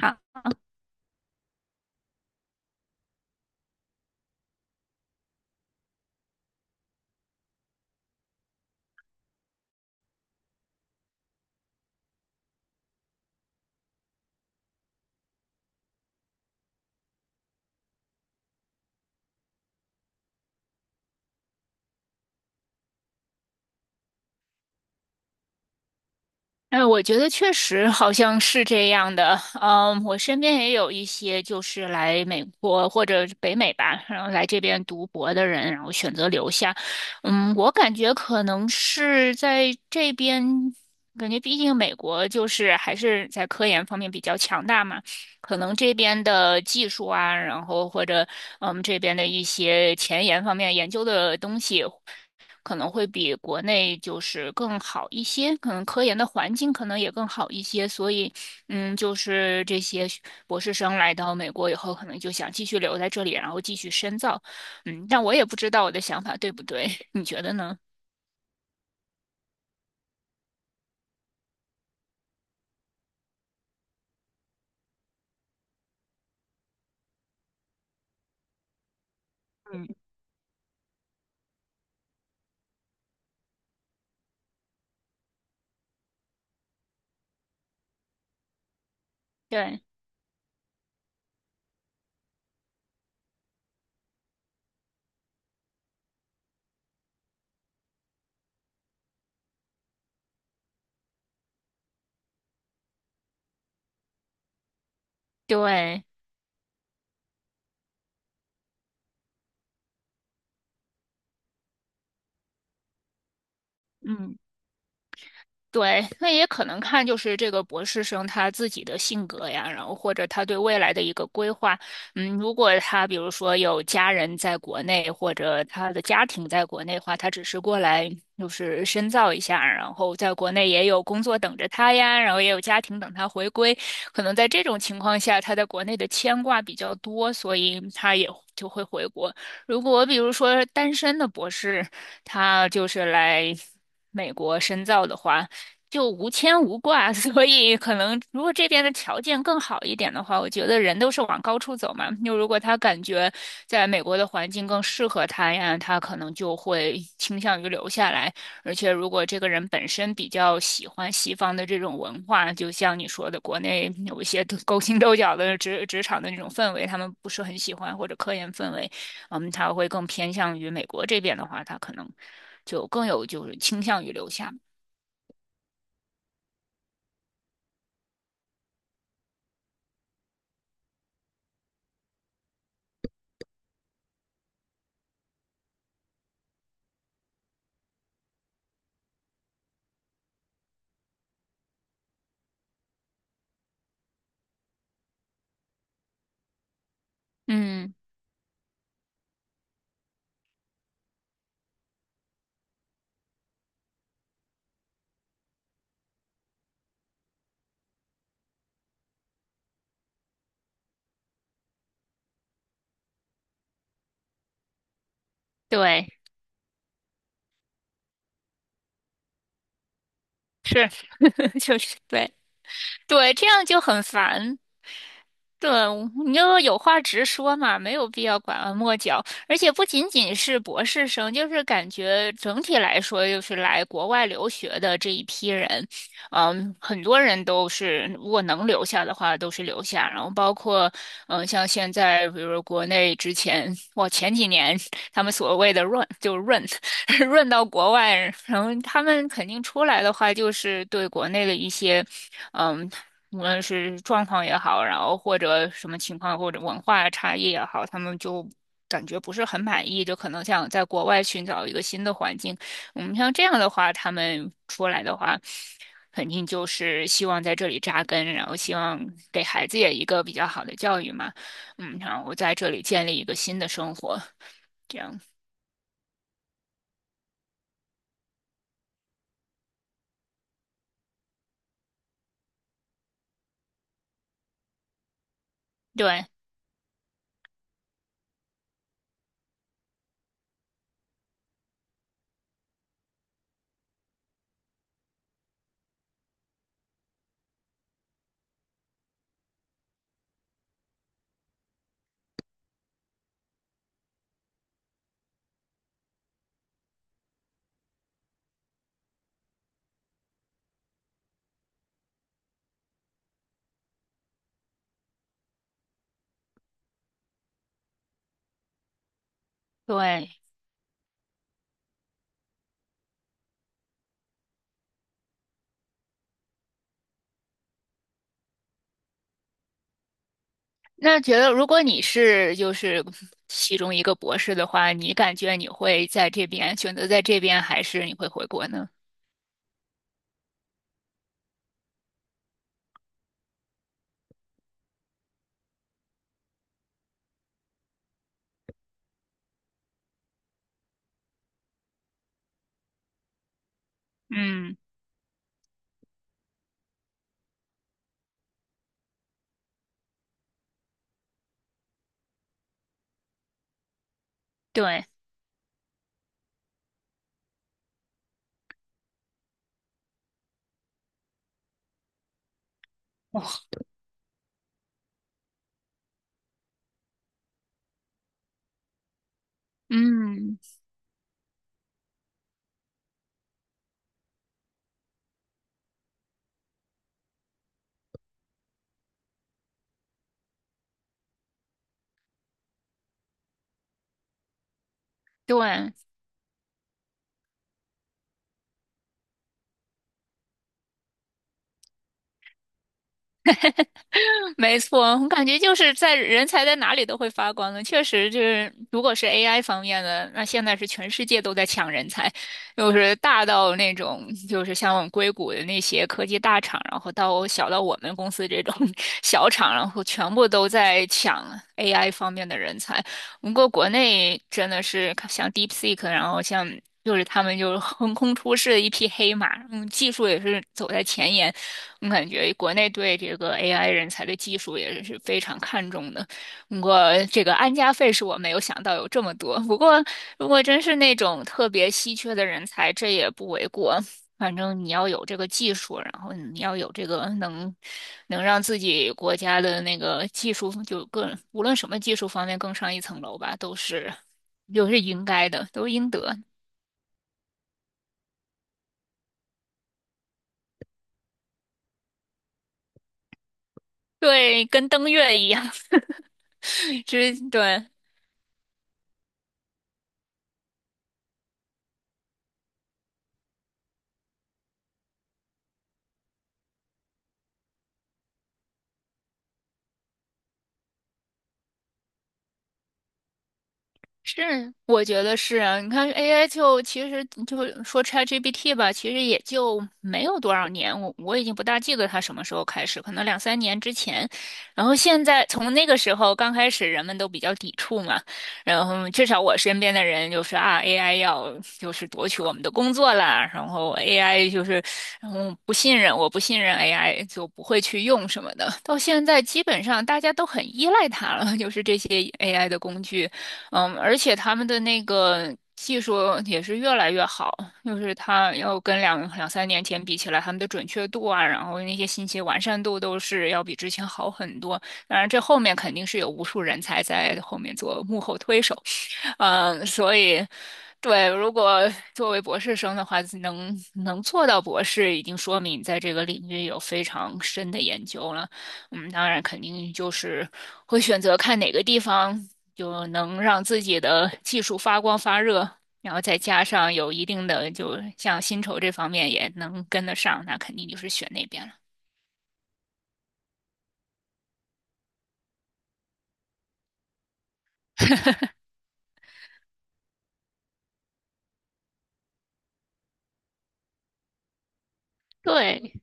好。哎，我觉得确实好像是这样的。嗯，我身边也有一些就是来美国或者北美吧，然后来这边读博的人，然后选择留下。嗯，我感觉可能是在这边，感觉毕竟美国就是还是在科研方面比较强大嘛，可能这边的技术啊，然后或者嗯这边的一些前沿方面研究的东西。可能会比国内就是更好一些，可能科研的环境可能也更好一些，所以，嗯，就是这些学博士生来到美国以后，可能就想继续留在这里，然后继续深造。但我也不知道我的想法对不对，你觉得呢？对对。嗯。对，那也可能看就是这个博士生他自己的性格呀，然后或者他对未来的一个规划。嗯，如果他比如说有家人在国内，或者他的家庭在国内的话，他只是过来就是深造一下，然后在国内也有工作等着他呀，然后也有家庭等他回归。可能在这种情况下，他在国内的牵挂比较多，所以他也就会回国。如果比如说单身的博士，他就是来。美国深造的话，就无牵无挂，所以可能如果这边的条件更好一点的话，我觉得人都是往高处走嘛。就如果他感觉在美国的环境更适合他呀，他可能就会倾向于留下来。而且如果这个人本身比较喜欢西方的这种文化，就像你说的，国内有一些勾心斗角的职场的那种氛围，他们不是很喜欢，或者科研氛围，嗯，他会更偏向于美国这边的话，他可能就更有就是倾向于留下。嗯。对，是，就是对。对，这样就很烦。对，你就有话直说嘛，没有必要拐弯抹角。而且不仅仅是博士生，就是感觉整体来说，就是来国外留学的这一批人，嗯，很多人都是如果能留下的话，都是留下。然后包括，嗯，像现在，比如说国内之前，哇，前几年他们所谓的润，就是“润 润到国外，然后他们肯定出来的话，就是对国内的一些。嗯，无论是状况也好，然后或者什么情况，或者文化差异也好，他们就感觉不是很满意，就可能想在国外寻找一个新的环境。我们像这样的话，他们出来的话，肯定就是希望在这里扎根，然后希望给孩子也一个比较好的教育嘛，嗯，然后在这里建立一个新的生活，这样。对对，那觉得，如果你是就是其中一个博士的话，你感觉你会在这边选择在这边，还是你会回国呢？嗯。对。哇。嗯。对。没错，我感觉就是在人才在哪里都会发光的，确实就是，如果是 AI 方面的，那现在是全世界都在抢人才，就是大到那种就是像我们硅谷的那些科技大厂，然后到小到我们公司这种 小厂，然后全部都在抢 AI 方面的人才。不过国内真的是像 DeepSeek，然后像。就是他们就是横空出世的一匹黑马，嗯，技术也是走在前沿，我感觉国内对这个 AI 人才的技术也是非常看重的。我这个安家费是我没有想到有这么多，不过如果真是那种特别稀缺的人才，这也不为过。反正你要有这个技术，然后你要有这个能让自己国家的那个技术就更无论什么技术方面更上一层楼吧，都是就是应该的，都应得。对，跟登月一样。是，对。是，我觉得是啊。你看 AI 就其实就说 ChatGPT 吧，其实也就没有多少年，我已经不大记得它什么时候开始，可能两三年之前。然后现在从那个时候刚开始，人们都比较抵触嘛。然后至少我身边的人就是啊，AI 要就是夺取我们的工作啦，然后 AI 就是然后不信任，我不信任 AI 就不会去用什么的。到现在基本上大家都很依赖它了，就是这些 AI 的工具。嗯，而且他们的那个技术也是越来越好，就是它要跟两三年前比起来，他们的准确度啊，然后那些信息完善度都是要比之前好很多。当然，这后面肯定是有无数人才在后面做幕后推手，嗯，所以，对，如果作为博士生的话，能做到博士，已经说明你在这个领域有非常深的研究了。嗯，当然，肯定就是会选择看哪个地方就能让自己的技术发光发热，然后再加上有一定的，就像薪酬这方面也能跟得上，那肯定就是选那边了。对。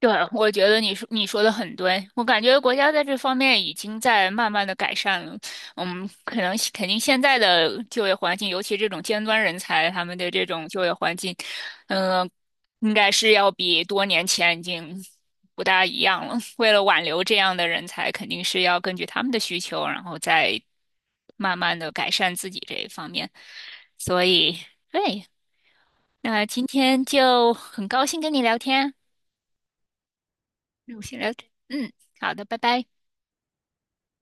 对，我觉得你说的很对，我感觉国家在这方面已经在慢慢的改善了。嗯，可能肯定现在的就业环境，尤其这种尖端人才，他们的这种就业环境，嗯、应该是要比多年前已经不大一样了。为了挽留这样的人才，肯定是要根据他们的需求，然后再慢慢的改善自己这一方面。所以，对，那今天就很高兴跟你聊天。那我先聊这，嗯，好的，拜拜。